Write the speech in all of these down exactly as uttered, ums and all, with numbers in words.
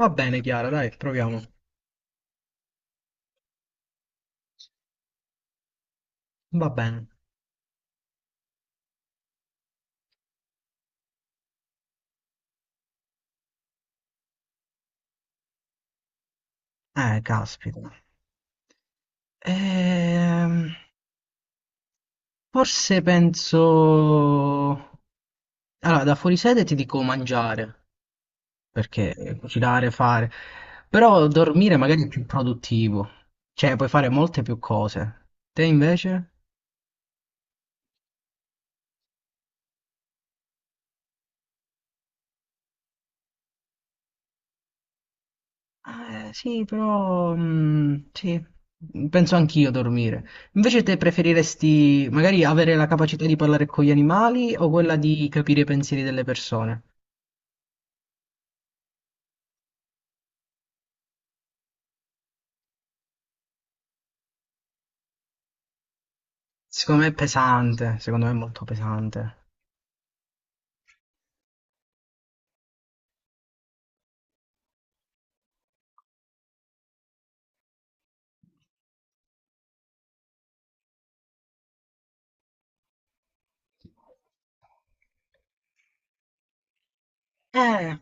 Va bene, Chiara, dai, proviamo. Va bene. Eh, caspita. Ehm, Forse penso. Allora, da fuori sede ti dico mangiare, perché cucinare, fare. Però dormire magari è più produttivo. Cioè, puoi fare molte più cose. Te invece? Ah, eh, sì, però mh, sì, mm, penso anch'io a dormire. Invece te preferiresti magari avere la capacità di parlare con gli animali o quella di capire i pensieri delle persone? Secondo me è pesante, secondo me è molto pesante. Eh,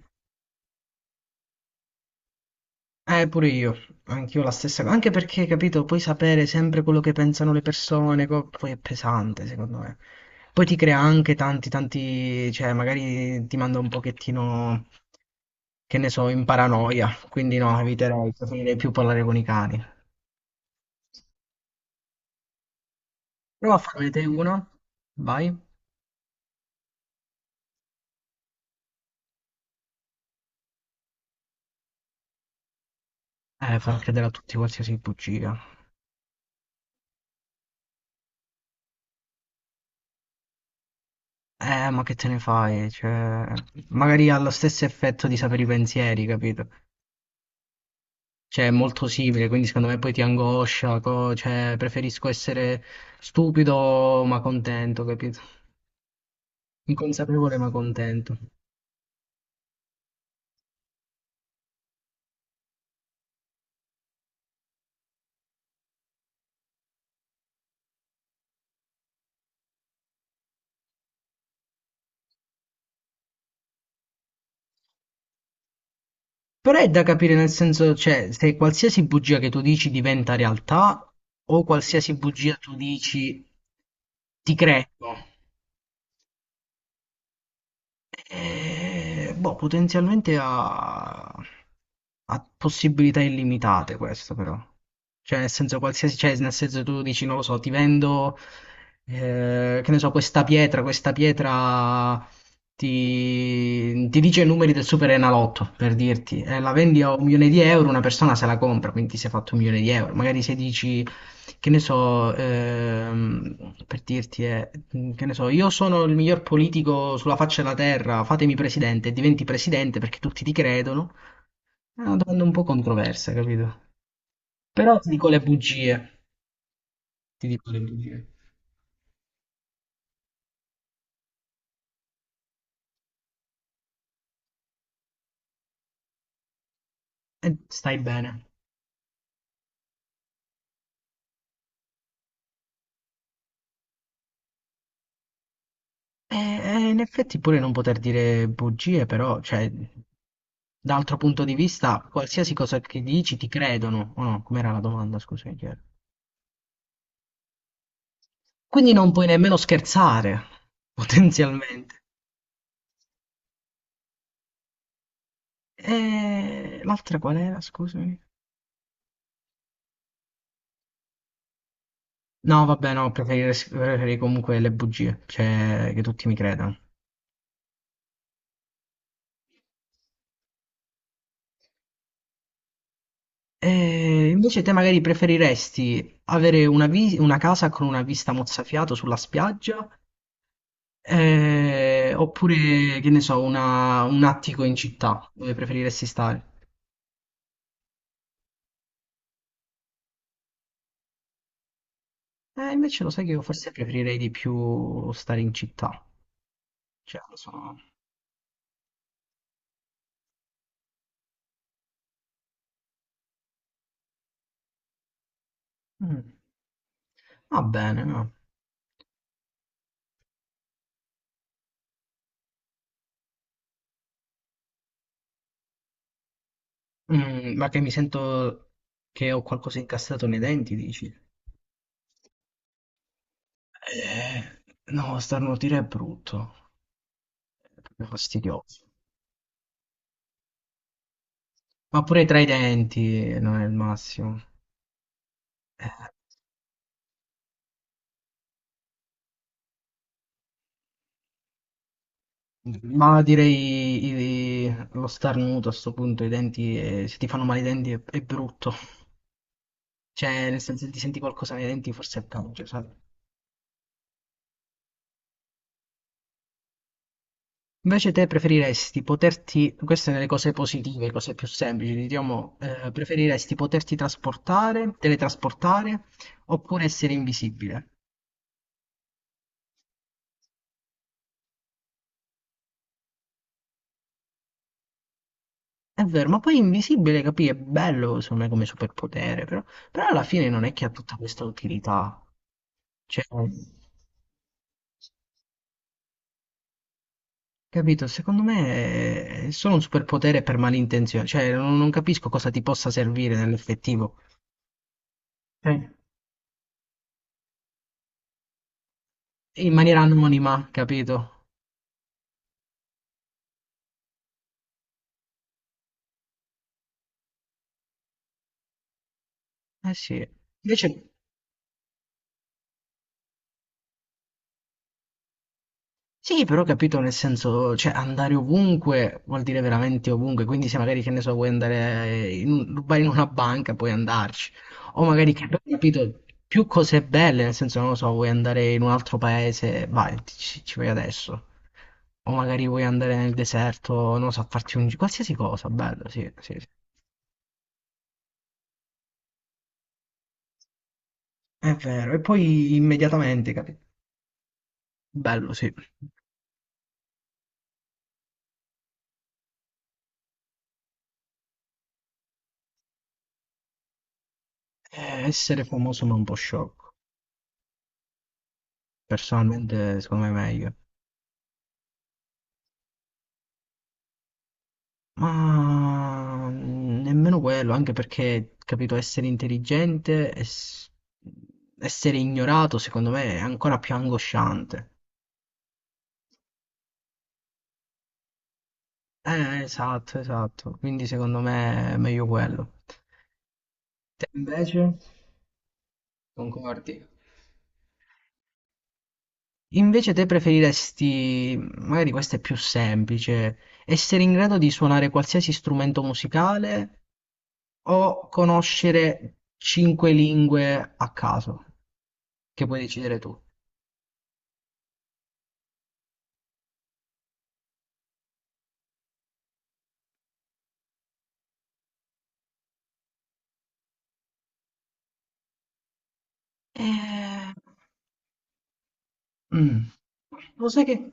eh, Pure io, anch'io la stessa cosa, anche perché, capito, puoi sapere sempre quello che pensano le persone, co- poi è pesante, secondo me. Poi ti crea anche tanti, tanti, cioè magari ti manda un pochettino. Che ne so, in paranoia, quindi no, eviterei, preferirei più parlare con i cani. Prova a farne te uno, vai. Eh, far credere a tutti qualsiasi bugia. Eh, ma che te ne fai? Cioè, magari ha lo stesso effetto di sapere i pensieri, capito? Cioè, è molto simile, quindi secondo me poi ti angoscia, co- cioè, preferisco essere stupido ma contento, capito? Inconsapevole ma contento. Però è da capire nel senso, cioè, se qualsiasi bugia che tu dici diventa realtà o qualsiasi bugia tu dici ti credo. Eh, boh, potenzialmente ha, ha possibilità illimitate questo però. Cioè, nel senso, qualsiasi, cioè, nel senso tu dici, non lo so, ti vendo, eh, che ne so, questa pietra, questa pietra ti, ti dice i numeri del Super Enalotto, per dirti, eh, la vendi a un milione di euro, una persona se la compra, quindi ti sei fatto un milione di euro. Magari se dici, che ne so, ehm, per dirti, eh, che ne so, io sono il miglior politico sulla faccia della terra, fatemi presidente, e diventi presidente perché tutti ti credono. È una domanda un po' controversa, capito? Però ti dico le bugie, ti dico le bugie. E stai bene. E, e in effetti pure non poter dire bugie, però, cioè, dall'altro punto di vista, qualsiasi cosa che dici ti credono. O no, com'era la domanda, scusa, che chiedo. Quindi non puoi nemmeno scherzare, potenzialmente. E l'altra qual era? Scusami. No, vabbè, no, preferirei, preferirei comunque le bugie, cioè che tutti mi credano. E invece te magari preferiresti avere una, vi- una casa con una vista mozzafiato sulla spiaggia, eh, oppure, che ne so, una- un attico in città, dove preferiresti stare? Eh, invece lo sai che io forse preferirei di più stare in città. Cioè, lo so. Mm, Va bene, no. Mm, ma che mi sento che ho qualcosa incassato nei denti, dici? Eh, no, starnutire è brutto, è proprio fastidioso. Ma pure tra i denti non è il massimo. Eh, ma direi i- lo starnuto a sto punto, i denti, eh, se ti fanno male i denti è, è brutto. Cioè, nel senso, se ti senti qualcosa nei denti forse è peggio, sai? Invece te preferiresti poterti, queste nelle cose positive, cose più semplici, diciamo, eh, preferiresti poterti trasportare, teletrasportare oppure essere invisibile? È vero, ma poi invisibile, capì, è bello secondo me come superpotere, però, però alla fine non è che ha tutta questa utilità. Cioè, capito, secondo me è solo un superpotere per malintenzione, cioè non, non capisco cosa ti possa servire nell'effettivo. Cioè, in maniera anonima, capito? Eh sì. Invece. Sì, però capito nel senso, cioè andare ovunque vuol dire veramente ovunque, quindi se magari che ne so, vuoi andare in, un- vai in una banca, puoi andarci, o magari che, capito, più cose belle, nel senso, non lo so, vuoi andare in un altro paese, vai, ci, ci vai adesso, o magari vuoi andare nel deserto, non lo so, a farti un gi- qualsiasi cosa, bello, sì, sì, sì. È vero, e poi immediatamente, capito? Bello, sì. Eh, essere famoso ma un po' sciocco, personalmente secondo me è meglio. Ma mhmm, nemmeno quello, anche perché, capito, essere intelligente, ess- essere ignorato, secondo me, è ancora più angosciante. Eh, esatto, esatto. Quindi secondo me è meglio quello. Te invece? Concordi? Invece te preferiresti, magari questa è più semplice, essere in grado di suonare qualsiasi strumento musicale o conoscere cinque lingue a caso, che puoi decidere tu? Ehm, mh, Lo sai che.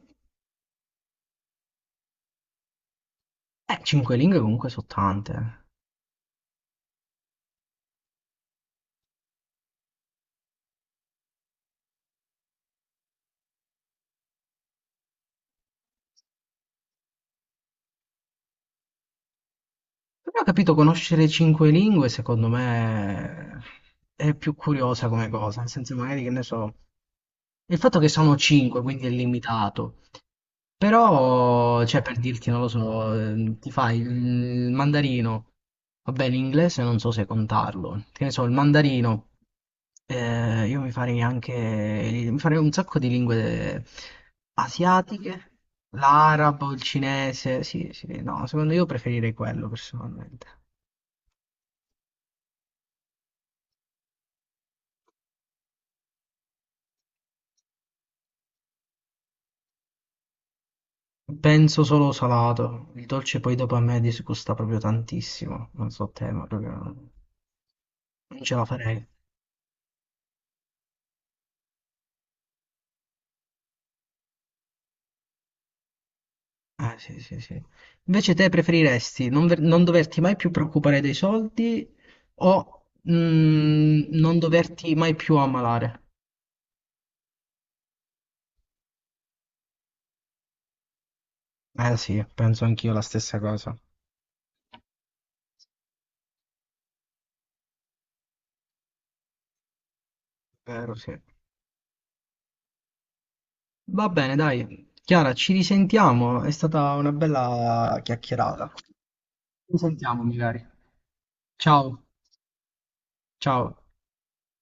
Eh, cinque lingue comunque sono tante. Però ho capito, conoscere cinque lingue secondo me è più curiosa come cosa, nel senso magari che ne so. Il fatto che sono cinque, quindi è limitato. Però, cioè, per dirti, non lo so, ehm, ti fai il mandarino, vabbè, l'inglese non so se contarlo, che ne so, il mandarino, eh, io mi farei anche, mi farei un sacco di lingue asiatiche, l'arabo, il cinese, sì, sì, no, secondo io preferirei quello personalmente. Penso solo salato, il dolce poi dopo a me disgusta proprio tantissimo, non so te, ma proprio non ce la farei. Ah, sì, sì, sì. Invece te preferiresti non, ver- non doverti mai più preoccupare dei soldi o mm, non doverti mai più ammalare? Eh sì, penso anch'io la stessa cosa. Vero, sì. Va bene, dai. Chiara, ci risentiamo. È stata una bella chiacchierata. Ci sentiamo magari. Ciao, ciao.